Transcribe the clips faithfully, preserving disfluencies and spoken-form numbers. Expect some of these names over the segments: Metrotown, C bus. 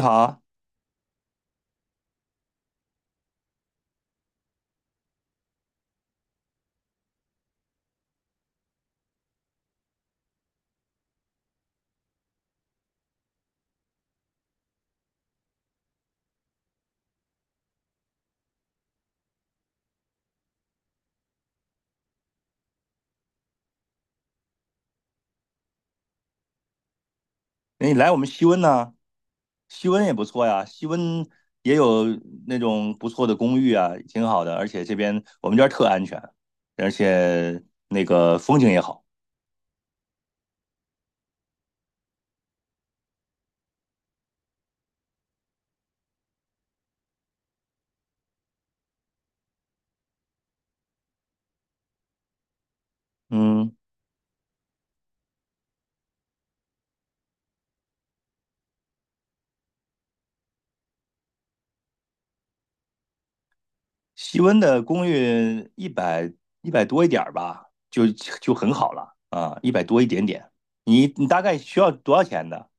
你好啊，哎你来我们西温呢、西温也不错呀，西温也有那种不错的公寓啊，挺好的，而且这边我们这儿特安全，而且那个风景也好。嗯，西温的公寓一百一百多一点儿吧，就就很好了啊，一百多一点点。你你大概需要多少钱的？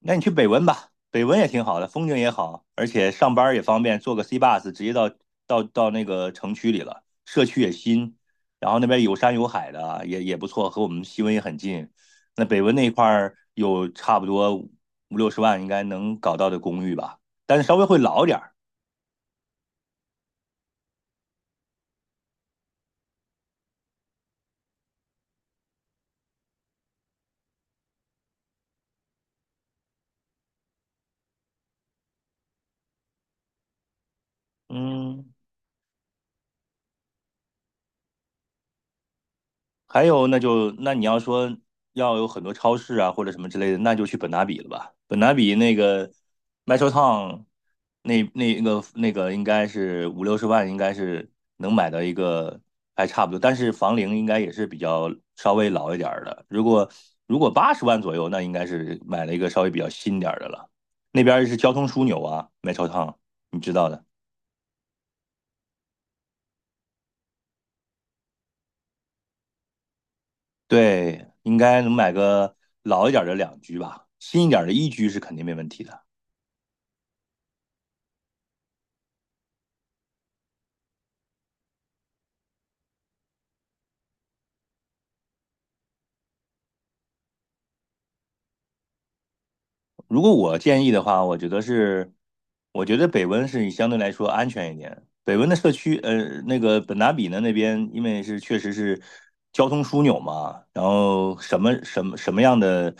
那你去北温吧，北温也挺好的，风景也好，而且上班也方便，坐个 C bus 直接到到到那个城区里了，社区也新，然后那边有山有海的啊，也也不错，和我们西温也很近。那北温那一块儿有差不多五六十万应该能搞到的公寓吧，但是稍微会老点儿。嗯，还有，那就那你要说要有很多超市啊或者什么之类的，那就去本拿比了吧。本拿比那个 Metro Town 那那个那个应该是五六十万，应该是能买到一个还差不多，但是房龄应该也是比较稍微老一点儿的。如果如果八十万左右，那应该是买了一个稍微比较新点儿的了。那边儿是交通枢纽啊，Metro Town,你知道的。对，应该能买个老一点儿的两居吧，新一点儿的一居是肯定没问题的。如果我建议的话，我觉得是，我觉得北温是相对来说安全一点。北温的社区，呃，那个本达比呢那边，因为是确实是交通枢纽嘛，然后什么什么什么样的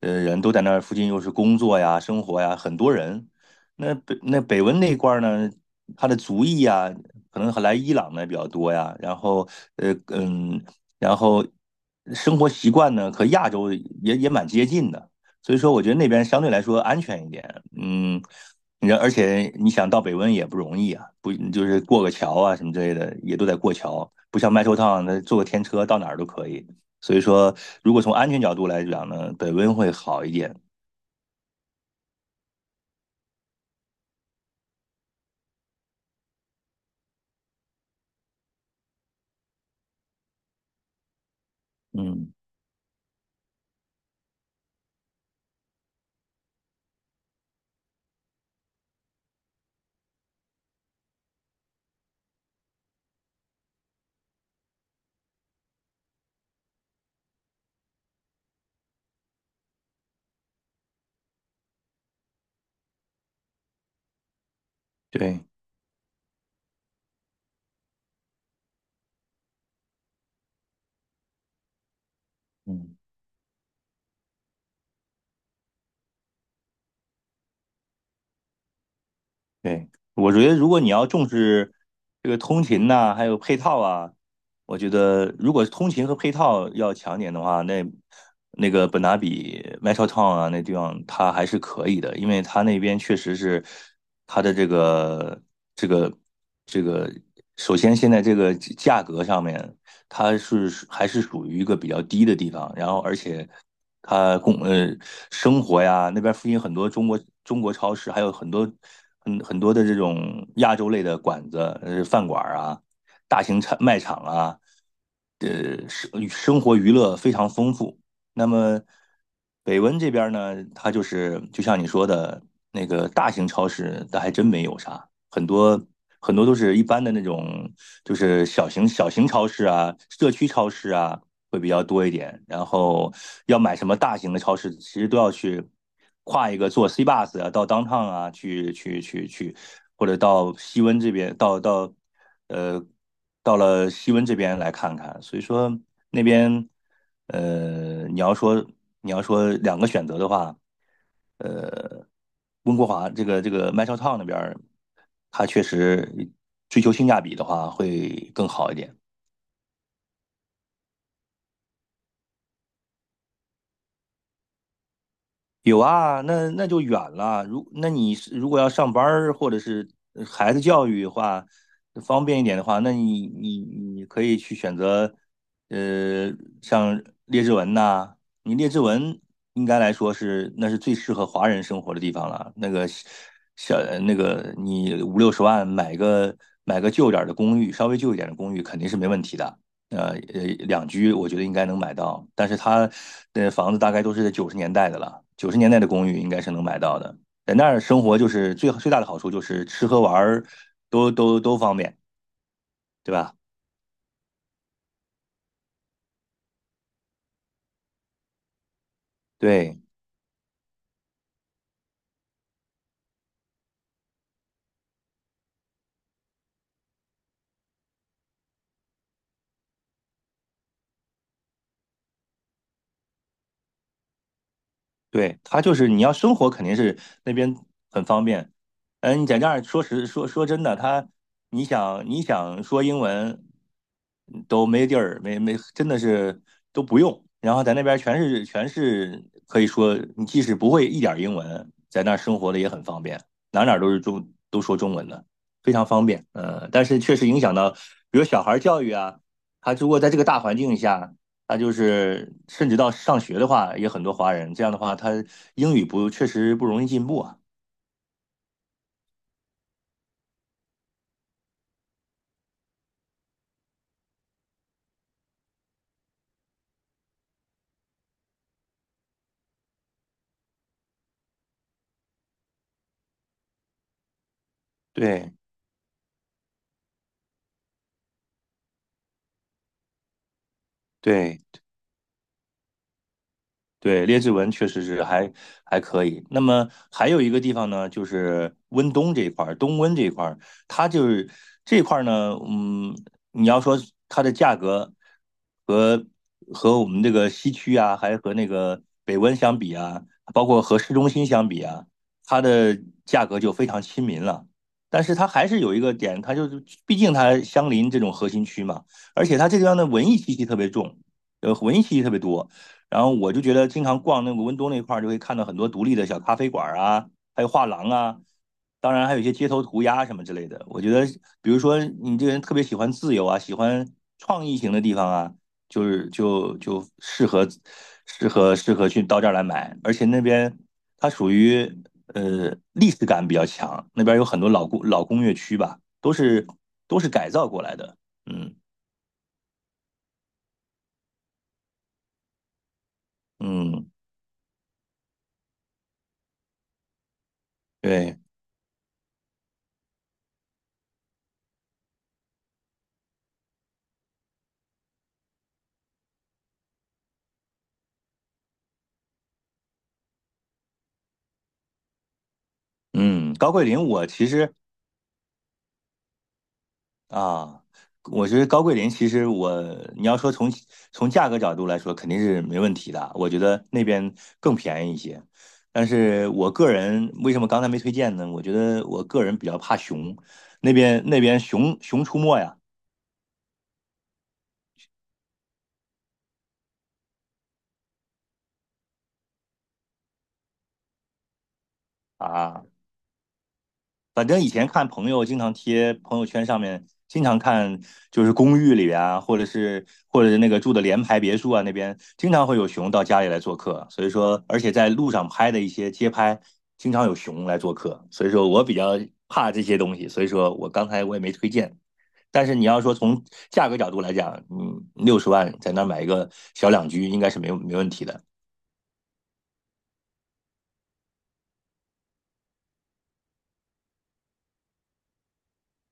呃人都在那儿附近，又是工作呀、生活呀，很多人。那北那北温那一块儿呢，他的族裔呀，可能来伊朗的比较多呀，然后呃嗯，然后生活习惯呢和亚洲也也蛮接近的。所以说我觉得那边相对来说安全一点。嗯，你而且你想到北温也不容易啊，不就是过个桥啊什么之类的，也都得过桥，不像麦收趟那坐个天车到哪儿都可以。所以说，如果从安全角度来讲呢，北温会好一点。嗯，对，嗯。对，我觉得如果你要重视这个通勤呐、还有配套啊，我觉得如果通勤和配套要强点的话，那那个本拿比 Metrotown 啊那地方它还是可以的，因为它那边确实是它的这个这个这个，首先现在这个价格上面它是还是属于一个比较低的地方，然后而且它供呃生活呀，那边附近很多中国中国超市，还有很多很很多的这种亚洲类的馆子、呃饭馆儿啊，大型产卖场啊，呃生生活娱乐非常丰富。那么北温这边呢，它就是就像你说的那个大型超市，它还真没有啥，很多很多都是一般的那种，就是小型小型超市啊、社区超市啊，会比较多一点。然后要买什么大型的超市，其实都要去跨一个坐 C bus 啊，到 downtown 啊，去去去去，或者到西温这边，到到呃到了西温这边来看看。所以说那边呃，你要说你要说两个选择的话，呃，温哥华这个这个麦超 town 那边它确实追求性价比的话会更好一点。有啊，那那就远了。如那你是如果要上班儿或者是呃孩子教育的话，方便一点的话，那你你你可以去选择，呃，像列治文呐、你列治文应该来说是那是最适合华人生活的地方了。那个小那个你五六十万买个买个旧点儿的公寓，稍微旧一点的公寓肯定是没问题的。呃呃两居，我觉得应该能买到，但是它的房子大概都是在九十年代的了，九十年代的公寓应该是能买到的。在那儿生活就是最最大的好处就是吃喝玩儿都都都方便，对吧？对。对，它就是你要生活肯定是那边很方便。嗯，你在那儿说实说说真的，他你想你想说英文都没地儿，没没真的是都不用。然后在那边全是全是可以说，你即使不会一点儿英文，在那儿生活的也很方便，哪哪儿都是中都说中文的，非常方便。嗯，但是确实影响到，比如小孩儿教育啊，他如果在这个大环境下。他就是甚至到上学的话，也很多华人。这样的话，他英语不确实不容易进步啊。对对，对，列治文确实是还还可以。那么还有一个地方呢，就是温东这一块儿，东温这一块儿，它就是这块儿呢，嗯，你要说它的价格和和我们这个西区啊，还和那个北温相比啊，包括和市中心相比啊，它的价格就非常亲民了。但是它还是有一个点，它就是毕竟它相邻这种核心区嘛，而且它这地方的文艺气息特别重，呃，文艺气息特别多。然后我就觉得经常逛那个温州那块儿，就会看到很多独立的小咖啡馆啊，还有画廊啊，当然还有一些街头涂鸦什么之类的。我觉得，比如说你这个人特别喜欢自由啊，喜欢创意型的地方啊，就是就就适合适合适合去到这儿来买，而且那边它属于呃历史感比较强，那边有很多老工老工业区吧，都是都是改造过来的，嗯嗯。对，嗯，高桂林，我其实啊，我觉得高桂林其实我，你要说从从价格角度来说，肯定是没问题的。我觉得那边更便宜一些，但是我个人为什么刚才没推荐呢？我觉得我个人比较怕熊，那边那边熊熊出没呀，啊，反正以前看朋友经常贴朋友圈上面，经常看就是公寓里边啊，或者是或者是那个住的联排别墅啊那边，经常会有熊到家里来做客。所以说，而且在路上拍的一些街拍，经常有熊来做客。所以说我比较怕这些东西，所以说我刚才我也没推荐。但是你要说从价格角度来讲，嗯，六十万在那儿买一个小两居应该是没有没问题的。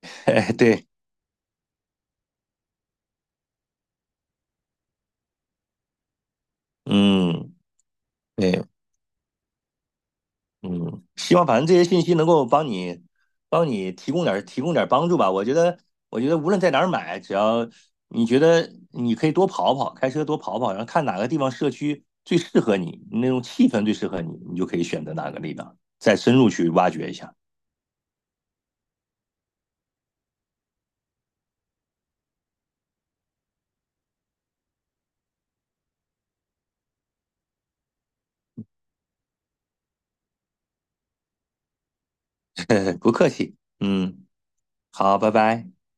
哎对，嗯，对，嗯，希望反正这些信息能够帮你，帮你提供点儿提供点儿帮助吧。我觉得，我觉得无论在哪儿买，只要你觉得你可以多跑跑，开车多跑跑，然后看哪个地方社区最适合你，那种气氛最适合你，你就可以选择哪个地方，再深入去挖掘一下。不客气，嗯，好，拜拜。